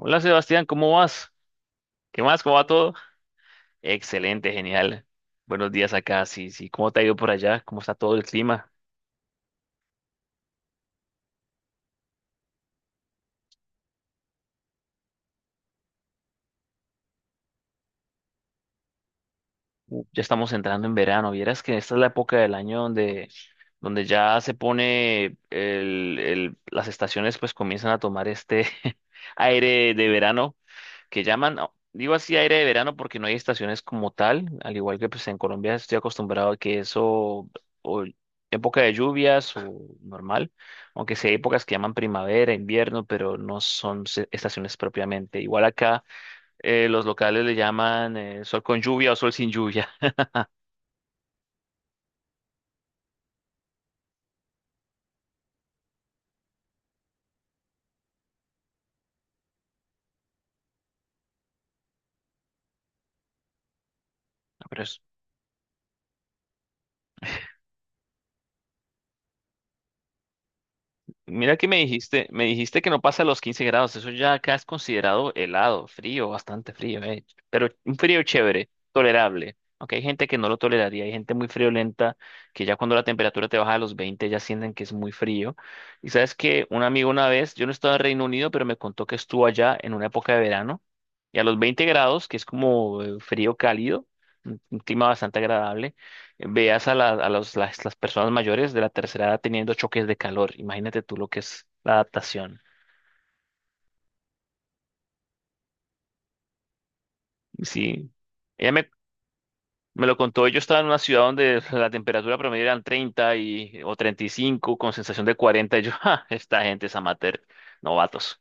Hola Sebastián, ¿cómo vas? ¿Qué más? ¿Cómo va todo? Excelente, genial. Buenos días acá, sí, sí. ¿Cómo te ha ido por allá? ¿Cómo está todo el clima? Ya estamos entrando en verano. Vieras que esta es la época del año donde ya se pone las estaciones pues comienzan a tomar este aire de verano que llaman, digo así aire de verano porque no hay estaciones como tal, al igual que pues en Colombia estoy acostumbrado a que eso, o época de lluvias o normal, aunque sí hay épocas que llaman primavera, invierno, pero no son estaciones propiamente. Igual acá los locales le llaman sol con lluvia o sol sin lluvia. pero es Mira que me dijiste, que no pasa los 15 grados, eso ya acá es considerado helado, frío, bastante frío. Pero un frío chévere, tolerable. Aunque hay gente que no lo toleraría, hay gente muy friolenta que ya cuando la temperatura te baja a los 20 ya sienten que es muy frío. Y sabes que un amigo una vez, yo no estaba en Reino Unido, pero me contó que estuvo allá en una época de verano y a los 20 grados, que es como frío cálido, un clima bastante agradable, veas a, a las personas mayores de la tercera edad teniendo choques de calor. Imagínate tú lo que es la adaptación. Sí, ella me lo contó. Yo estaba en una ciudad donde la temperatura promedio eran 30 y, o 35 con sensación de 40. Y yo, "Ja, esta gente es amateur, novatos".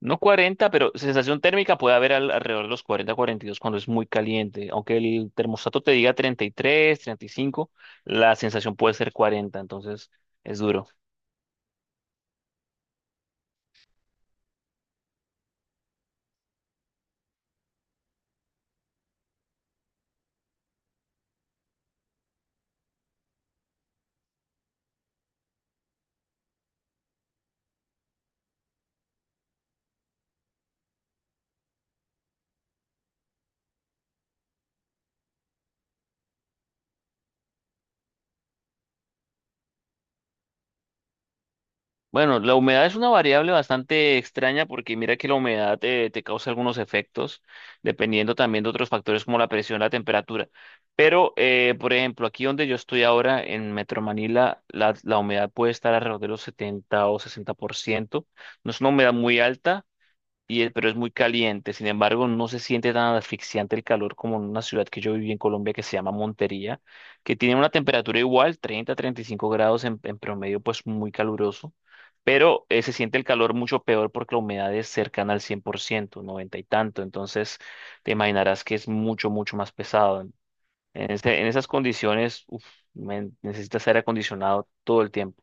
No 40, pero sensación térmica puede haber alrededor de los 40, 42 cuando es muy caliente. Aunque el termostato te diga 30, 33, 35, la sensación puede ser 40, entonces es duro. Bueno, la humedad es una variable bastante extraña porque mira que la humedad te causa algunos efectos, dependiendo también de otros factores como la presión, la temperatura. Pero, por ejemplo, aquí donde yo estoy ahora, en Metro Manila, la humedad puede estar alrededor de los 70 o 60%. No es una humedad muy alta, pero es muy caliente. Sin embargo, no se siente tan asfixiante el calor como en una ciudad que yo viví en Colombia que se llama Montería, que tiene una temperatura igual, 30, 35 grados en promedio, pues muy caluroso. Pero se siente el calor mucho peor porque la humedad es cercana al 100%, 90 y tanto. Entonces, te imaginarás que es mucho, mucho más pesado. En esas condiciones, uf, men, necesitas aire acondicionado todo el tiempo.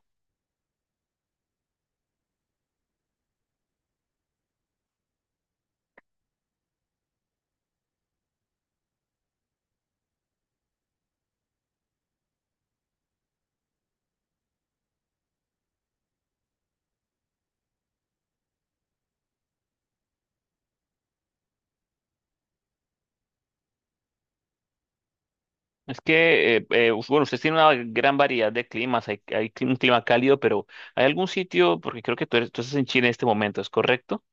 Es que, bueno, ustedes tienen una gran variedad de climas, un clima cálido, pero ¿hay algún sitio? Porque creo que tú estás en Chile en este momento, ¿es correcto?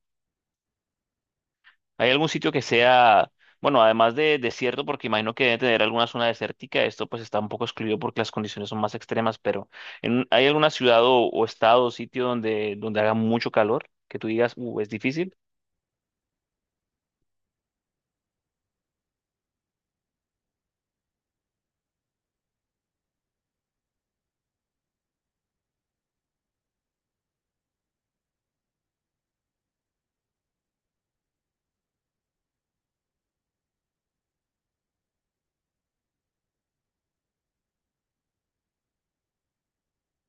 ¿Hay algún sitio que sea, bueno, además de desierto, porque imagino que debe tener alguna zona desértica, esto pues está un poco excluido porque las condiciones son más extremas, pero ¿hay alguna ciudad o estado o sitio donde, donde haga mucho calor, que tú digas, es difícil,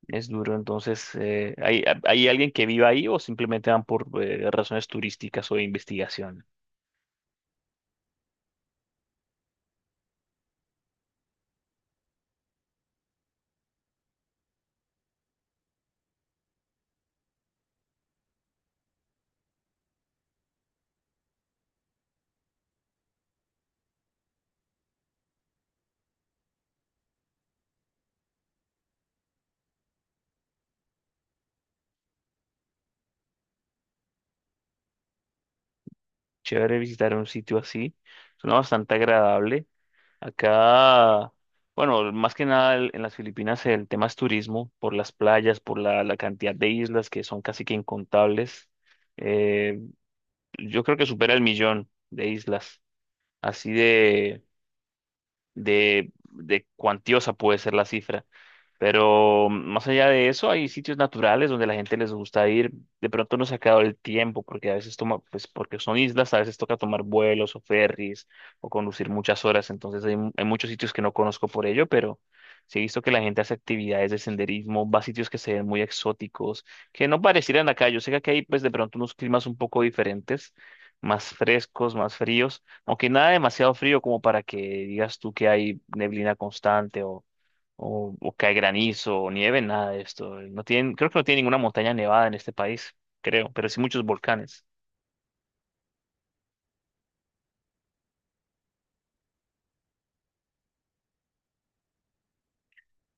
es duro? Entonces, ¿hay alguien que viva ahí o simplemente van por razones turísticas o de investigación? Chévere visitar un sitio así. Suena bastante agradable. Acá, bueno, más que nada en las Filipinas el tema es turismo, por las playas, por la cantidad de islas que son casi que incontables. Eh, yo creo que supera el millón de islas. Así de, cuantiosa puede ser la cifra. Pero más allá de eso, hay sitios naturales donde la gente les gusta ir. De pronto no se ha quedado el tiempo, porque a veces toma, pues porque son islas, a veces toca tomar vuelos o ferries o conducir muchas horas. Entonces hay, hay muchos sitios que no conozco por ello, pero sí he visto que la gente hace actividades de senderismo, va a sitios que se ven muy exóticos, que no parecieran acá. Yo sé que aquí hay pues de pronto unos climas un poco diferentes, más frescos, más fríos, aunque nada demasiado frío como para que digas tú que hay neblina constante o cae granizo o nieve, nada de esto. No tienen, creo que no tiene ninguna montaña nevada en este país, creo, pero sí muchos volcanes.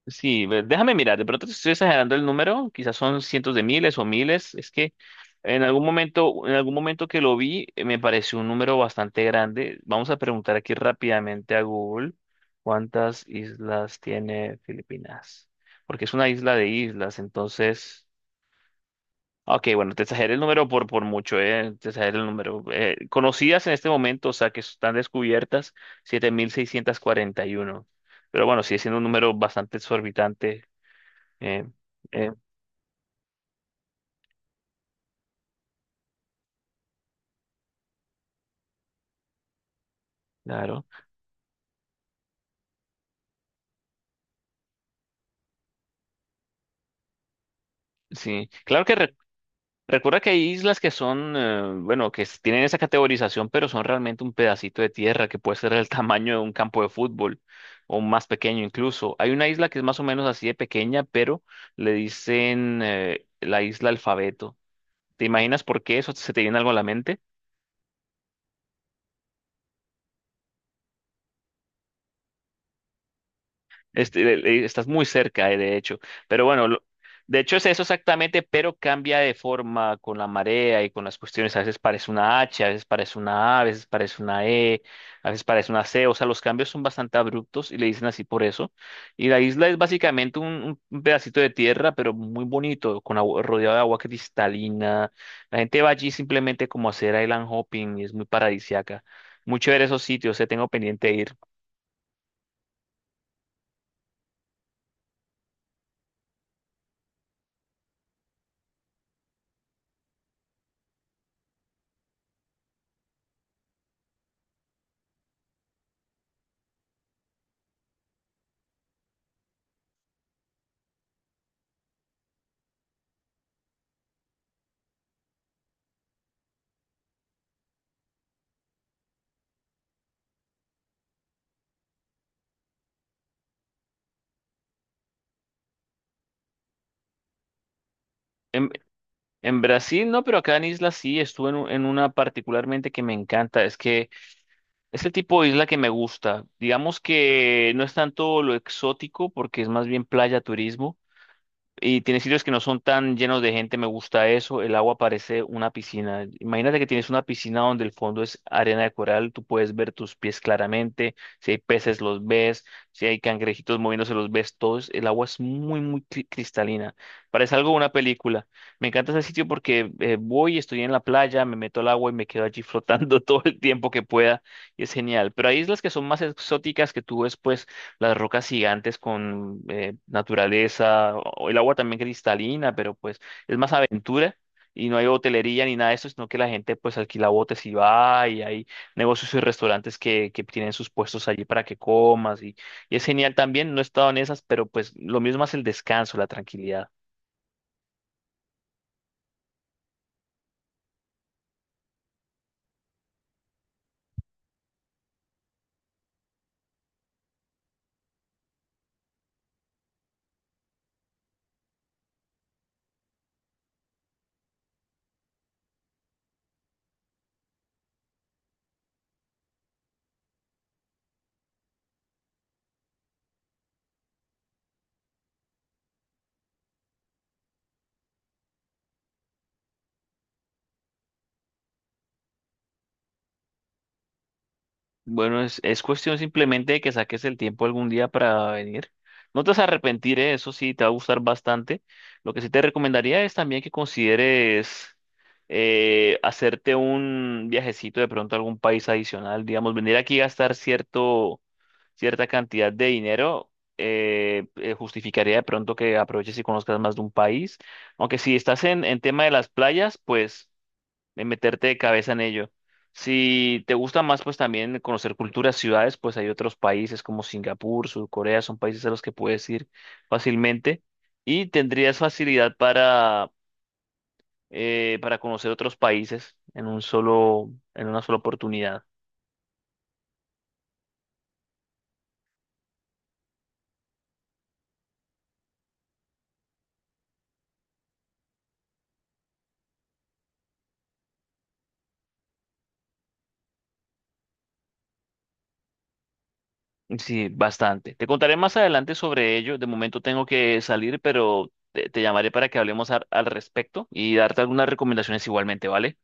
Sí, déjame mirar, de pronto te estoy exagerando el número, quizás son cientos de miles o miles, es que en algún momento que lo vi, me pareció un número bastante grande. Vamos a preguntar aquí rápidamente a Google cuántas islas tiene Filipinas, porque es una isla de islas, entonces. Ok, bueno, te exageré el número por mucho, te exageré el número. Conocidas en este momento, o sea, que están descubiertas, 7.641. Pero bueno, sigue siendo un número bastante exorbitante. eh, eh, claro, sí. Claro que recuerda que hay islas que son, bueno, que tienen esa categorización, pero son realmente un pedacito de tierra que puede ser el tamaño de un campo de fútbol o más pequeño incluso. Hay una isla que es más o menos así de pequeña, pero le dicen, la isla Alfabeto. ¿Te imaginas por qué eso se te viene algo a la mente? Este, estás muy cerca, de hecho. Pero bueno, de hecho es eso exactamente, pero cambia de forma con la marea y con las cuestiones. A veces parece una H, a veces parece una A, a veces parece una E, a veces parece una C. O sea, los cambios son bastante abruptos y le dicen así por eso. Y la isla es básicamente un pedacito de tierra, pero muy bonito, rodeado de agua cristalina. La gente va allí simplemente como a hacer island hopping y es muy paradisiaca. Muy chévere esos sitios, tengo pendiente de ir. En, en Brasil no, pero acá en isla sí, estuve en una particularmente que me encanta. Es que es el tipo de isla que me gusta. Digamos que no es tanto lo exótico porque es más bien playa turismo, y tiene sitios que no son tan llenos de gente, me gusta eso. El agua parece una piscina. Imagínate que tienes una piscina donde el fondo es arena de coral, tú puedes ver tus pies claramente, si hay peces los ves, si hay cangrejitos moviéndose los ves todos. El agua es muy, muy cristalina. Parece algo de una película. Me encanta ese sitio porque voy, estoy en la playa, me meto al agua y me quedo allí flotando todo el tiempo que pueda y es genial. Pero hay islas que son más exóticas que tú ves, pues las rocas gigantes con naturaleza, o el agua también cristalina, pero pues es más aventura y no hay hotelería ni nada de eso, sino que la gente pues alquila botes y va y hay negocios y restaurantes que tienen sus puestos allí para que comas, y es genial también, no he estado en esas, pero pues lo mismo es el descanso, la tranquilidad. Bueno, es cuestión simplemente de que saques el tiempo algún día para venir. No te vas a arrepentir, ¿eh? Eso sí, te va a gustar bastante. Lo que sí te recomendaría es también que consideres hacerte un viajecito de pronto a algún país adicional, digamos, venir aquí a gastar cierto, cierta cantidad de dinero. Justificaría de pronto que aproveches y conozcas más de un país. Aunque si estás en tema de las playas, pues de meterte de cabeza en ello. Si te gusta más, pues también conocer culturas, ciudades, pues hay otros países como Singapur, Sur Corea, son países a los que puedes ir fácilmente y tendrías facilidad para conocer otros países en un solo, en una sola oportunidad. Sí, bastante. Te contaré más adelante sobre ello. De momento tengo que salir, pero te llamaré para que hablemos al respecto y darte algunas recomendaciones igualmente, ¿vale?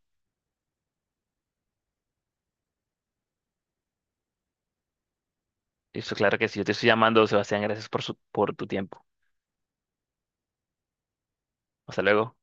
Eso, claro que sí. Yo te estoy llamando, Sebastián. Gracias por tu tiempo. Hasta luego.